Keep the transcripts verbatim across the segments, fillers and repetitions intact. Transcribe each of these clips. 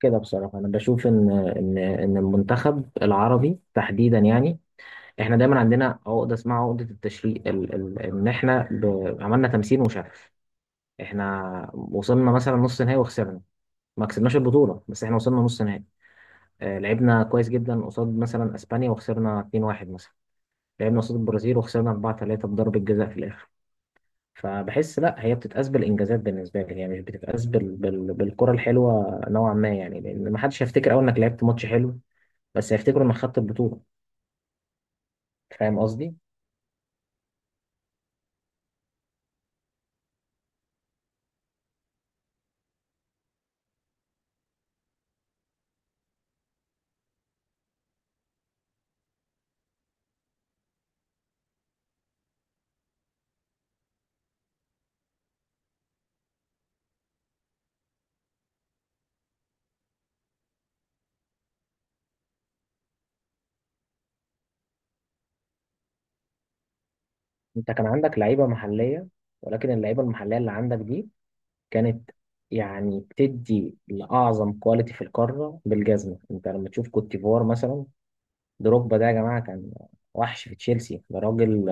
كده بصراحة أنا بشوف إن إن إن المنتخب العربي تحديدا، يعني إحنا دايما عندنا عقدة اسمها عقدة التشريق، ال ال إن إحنا ب- عملنا تمثيل مشرف. إحنا وصلنا مثلا نص نهائي وخسرنا، ما كسبناش البطولة، بس إحنا وصلنا نص نهائي. آه، لعبنا كويس جدا قصاد مثلا أسبانيا وخسرنا اتنين واحد مثلا. لعبنا قصاد البرازيل وخسرنا اربعة تلاتة بضربة جزاء في الآخر. فبحس لا، هي بتتقاس بالانجازات. بالنسبه لي هي مش بتتقاس بال... بال... بالكره الحلوه نوعا ما، يعني لان ما حدش هيفتكر اول انك لعبت ماتش حلو، بس هيفتكروا انك خدت البطوله. فاهم قصدي؟ انت كان عندك لعيبه محليه، ولكن اللعيبه المحليه اللي عندك دي كانت، يعني، بتدي لاعظم كواليتي في القاره بالجزمه. انت لما تشوف كوت ديفوار مثلا، دروجبا ده يا جماعه كان وحش في تشيلسي. ده راجل،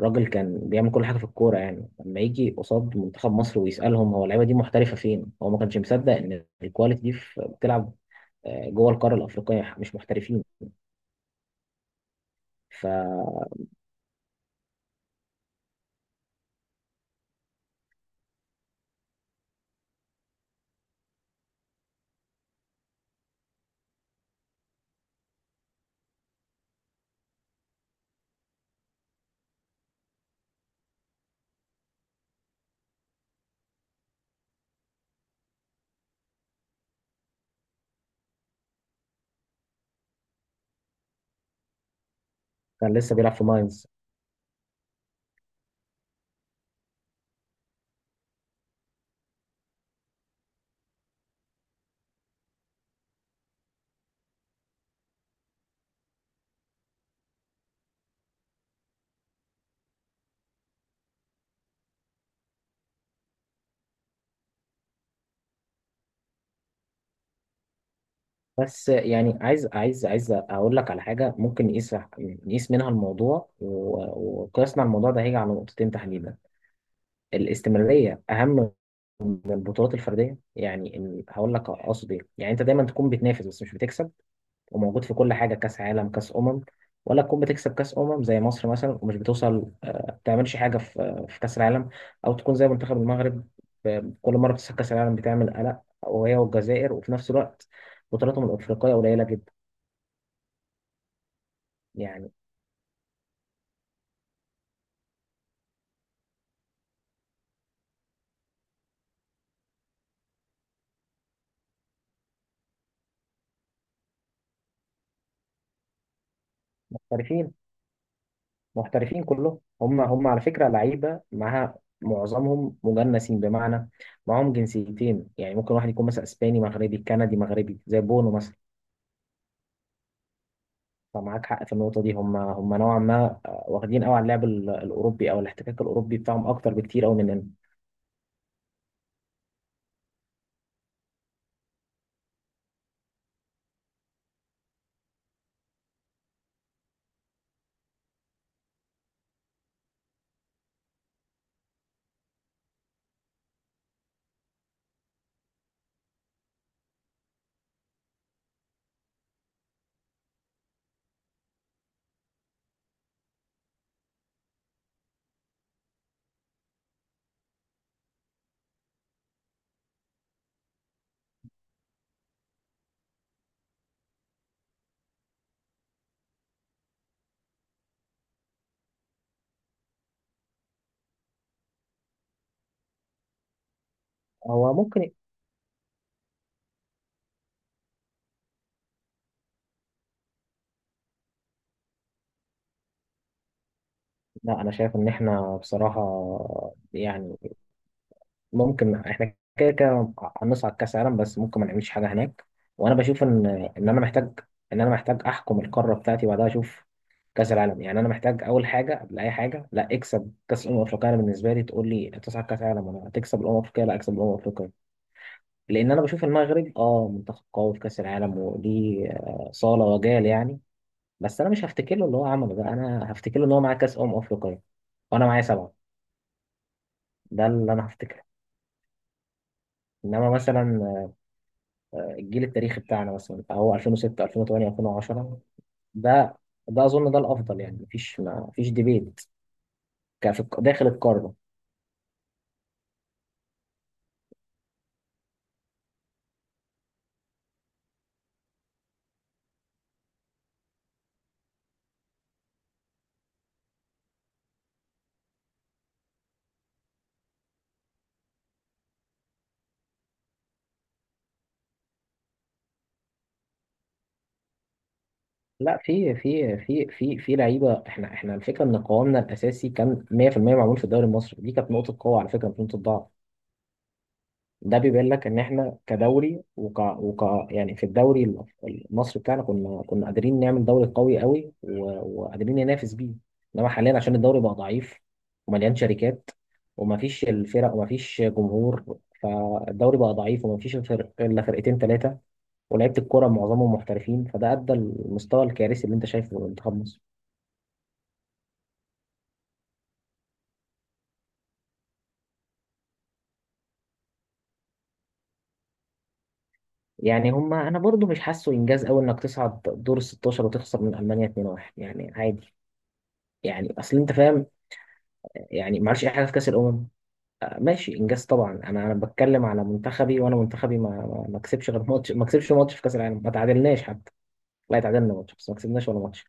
راجل كان بيعمل كل حاجه في الكوره. يعني لما يجي قصاد منتخب مصر ويسالهم هو اللعيبه دي محترفه فين، هو ما كانش مصدق ان الكواليتي دي في- بتلعب آه، جوه القاره الافريقيه، مش محترفين. ف كان لسه بيلعب في ماينز. بس يعني عايز عايز عايز اقول لك على حاجه ممكن نقيس نقيس منها الموضوع، و- وقياسنا على الموضوع ده هيجي على نقطتين تحديدا. الاستمراريه اهم من البطولات الفرديه، يعني ال- هقول لك اقصد ايه. يعني انت دايما تكون بتنافس بس مش بتكسب، وموجود في كل حاجه، كاس عالم، كاس امم. ولا تكون بتكسب كاس امم زي مصر مثلا ومش بتوصل، آه، ما بتعملش حاجه في آه، في كاس العالم. او تكون زي منتخب المغرب، آه، كل مره بتكسب كاس العالم بتعمل قلق، وهي والجزائر، وفي نفس الوقت بطولاتهم الافريقيه قليله جدا. يعني محترفين محترفين، كلهم هم هم على فكرة لعيبة معاها، معظمهم مجنسين، بمعنى معاهم جنسيتين، يعني ممكن واحد يكون مثلا اسباني مغربي، كندي مغربي، زي بونو مثلا. فمعاك حق في النقطة دي. هم هم نوعا ما آه، واخدين قوي على اللعب ال- الأوروبي أو الاحتكاك الأوروبي بتاعهم أكتر بكتير أوي مننا. هو ممكن. لا، أنا شايف إن إحنا بصراحة، يعني ممكن احنا كده كده هنصعد كاس عالم، بس ممكن ما نعملش حاجه هناك. وانا بشوف ان ان انا محتاج، ان انا محتاج احكم القاره بتاعتي وبعدها اشوف كاس العالم. يعني انا محتاج اول حاجه قبل اي حاجه، لا، اكسب كاس الامم الافريقيه. انا بالنسبه لي، تقول لي تصعد كاس عالم ولا هتكسب الامم الافريقيه؟ لا، اكسب الامم الافريقيه. لان انا بشوف المغرب اه منتخب قوي في كاس العالم وليه، آه، صاله وجال، يعني بس انا مش هفتكر له اللي هو عمله ده، انا هفتكر له ان هو معاه كاس امم افريقيه وانا معايا سبعه. ده اللي انا هفتكره. انما مثلا الجيل التاريخي بتاعنا مثلا فهو الفين وستة الفين وتمانية الفين وعشرة. ده ده اظن ده الافضل، يعني مفيش، ما مفيش ديبيت كفي داخل القاره. لا، في في في في في لعيبه. احنا احنا الفكره ان قوامنا الاساسي كان مية في المية معمول في الدوري المصري، دي كانت نقطه قوه على فكره، مش نقطه ضعف. ده بيبين لك ان احنا كدوري وك... وك... يعني في الدوري ال- المصري بتاعنا، كنا كنا قادرين نعمل دوري قوي قوي و... وقادرين ننافس بيه. انما حاليا عشان الدوري بقى ضعيف ومليان شركات ومفيش الفرق ومفيش جمهور، فالدوري بقى ضعيف ومفيش الفرق الا فرقتين ثلاثه، ولعيبه الكوره معظمهم محترفين، فده ادى المستوى الكارثي اللي انت شايفه في منتخب مصر. يعني هما، انا برضو مش حاسه انجاز قوي انك تصعد دور ال ستاشر وتخسر من المانيا اتنين واحد، يعني عادي. يعني اصل انت فاهم، يعني ما عملش اي حاجه في كاس الامم. آه، ماشي انجاز طبعا. انا انا بتكلم على منتخبي، وانا منتخبي ما ما ما كسبش غير ماتش، ما كسبش ماتش في كاس العالم، ما تعادلناش حتى. لا، تعادلنا ماتش بس ما كسبناش ولا ماتش.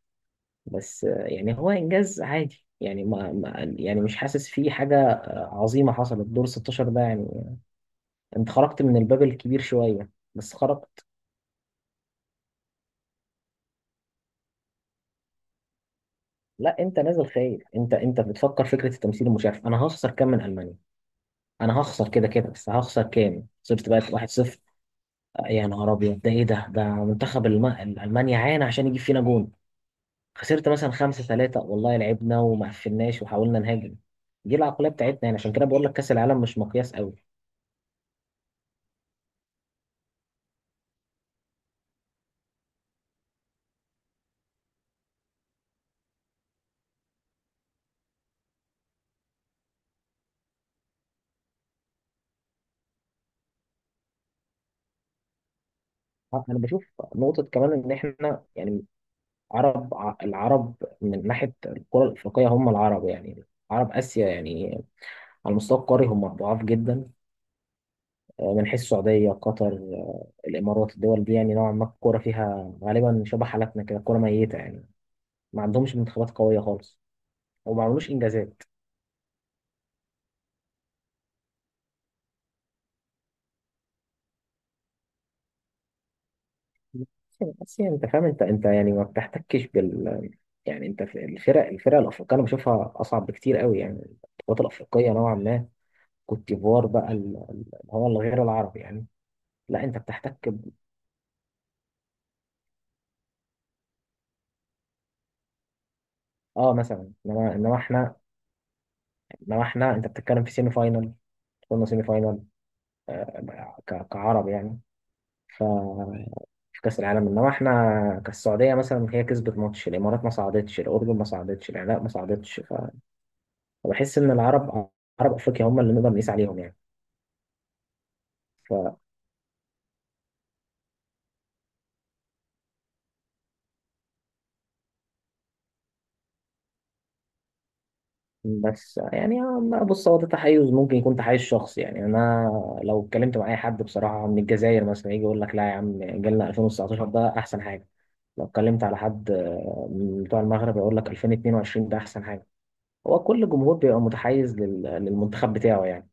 بس آه، يعني هو انجاز عادي، يعني ما ما- يعني مش حاسس فيه حاجه آه، عظيمه حصلت. دور ستاشر ده، يعني انت خرجت من الباب الكبير شويه، بس خرجت. لا، انت نازل خايف. انت انت بتفكر فكره التمثيل المشرف. انا هخسر كام من المانيا؟ انا هخسر كده كده، بس هخسر كام؟ خسرت بقى واحد صفر. يا نهار ابيض! ده ايه؟ ده ده منتخب الم... المانيا عانى عشان يجيب فينا جون. خسرت مثلا خمسة ثلاثة، والله لعبنا وما قفلناش وحاولنا نهاجم. دي العقلية بتاعتنا، يعني عشان كده بقول لك كأس العالم مش مقياس قوي. انا بشوف نقطة كمان ان احنا، يعني عرب ع- العرب من ناحية الكرة الافريقية، هم العرب يعني عرب اسيا، يعني على المستوى القاري هم ضعاف جدا. آه، من حيث السعودية، قطر، آه، الامارات، الدول دي يعني نوعا ما الكورة فيها غالبا شبه حالتنا كده، كورة ميتة يعني. ما عندهمش منتخبات قوية خالص، وما عملوش انجازات. بس يعني، بس يعني انت فاهم، انت انت يعني ما بتحتكش بال، يعني انت في الفرق الفرق الافريقيه، انا بشوفها اصعب بكتير قوي، يعني القوات الافريقيه نوعا ما. كوت ديفوار بقى، ال- ال- اللي هو الغير العربي يعني. لا، انت بتحتك ب... اه مثلا، انما انما احنا انما احنا انت بتتكلم في سيمي فاينل. قلنا سيمي فاينال. آه، ك- كعرب يعني. ف في كأس العالم انما احنا، كالسعودية مثلا هي كسبت ماتش، الامارات ما صعدتش، الاردن ما صعدتش، العراق ما صعدتش. وبحس ان العرب، عرب افريقيا هم اللي نقدر نقيس عليهم، يعني. ف بس يعني أما بص، هو ده تحيز، ممكن يكون تحيز شخصي، يعني انا لو اتكلمت مع اي حد بصراحه من الجزائر مثلا، يجي يقول لك لا يا عم، جيلنا الفين وتسعتاشر ده احسن حاجه. لو اتكلمت على حد آه، من بتوع المغرب، يقول لك الفين واتنين وعشرين ده احسن حاجه. هو كل جمهور بيبقى متحيز لل- للمنتخب بتاعه، يعني.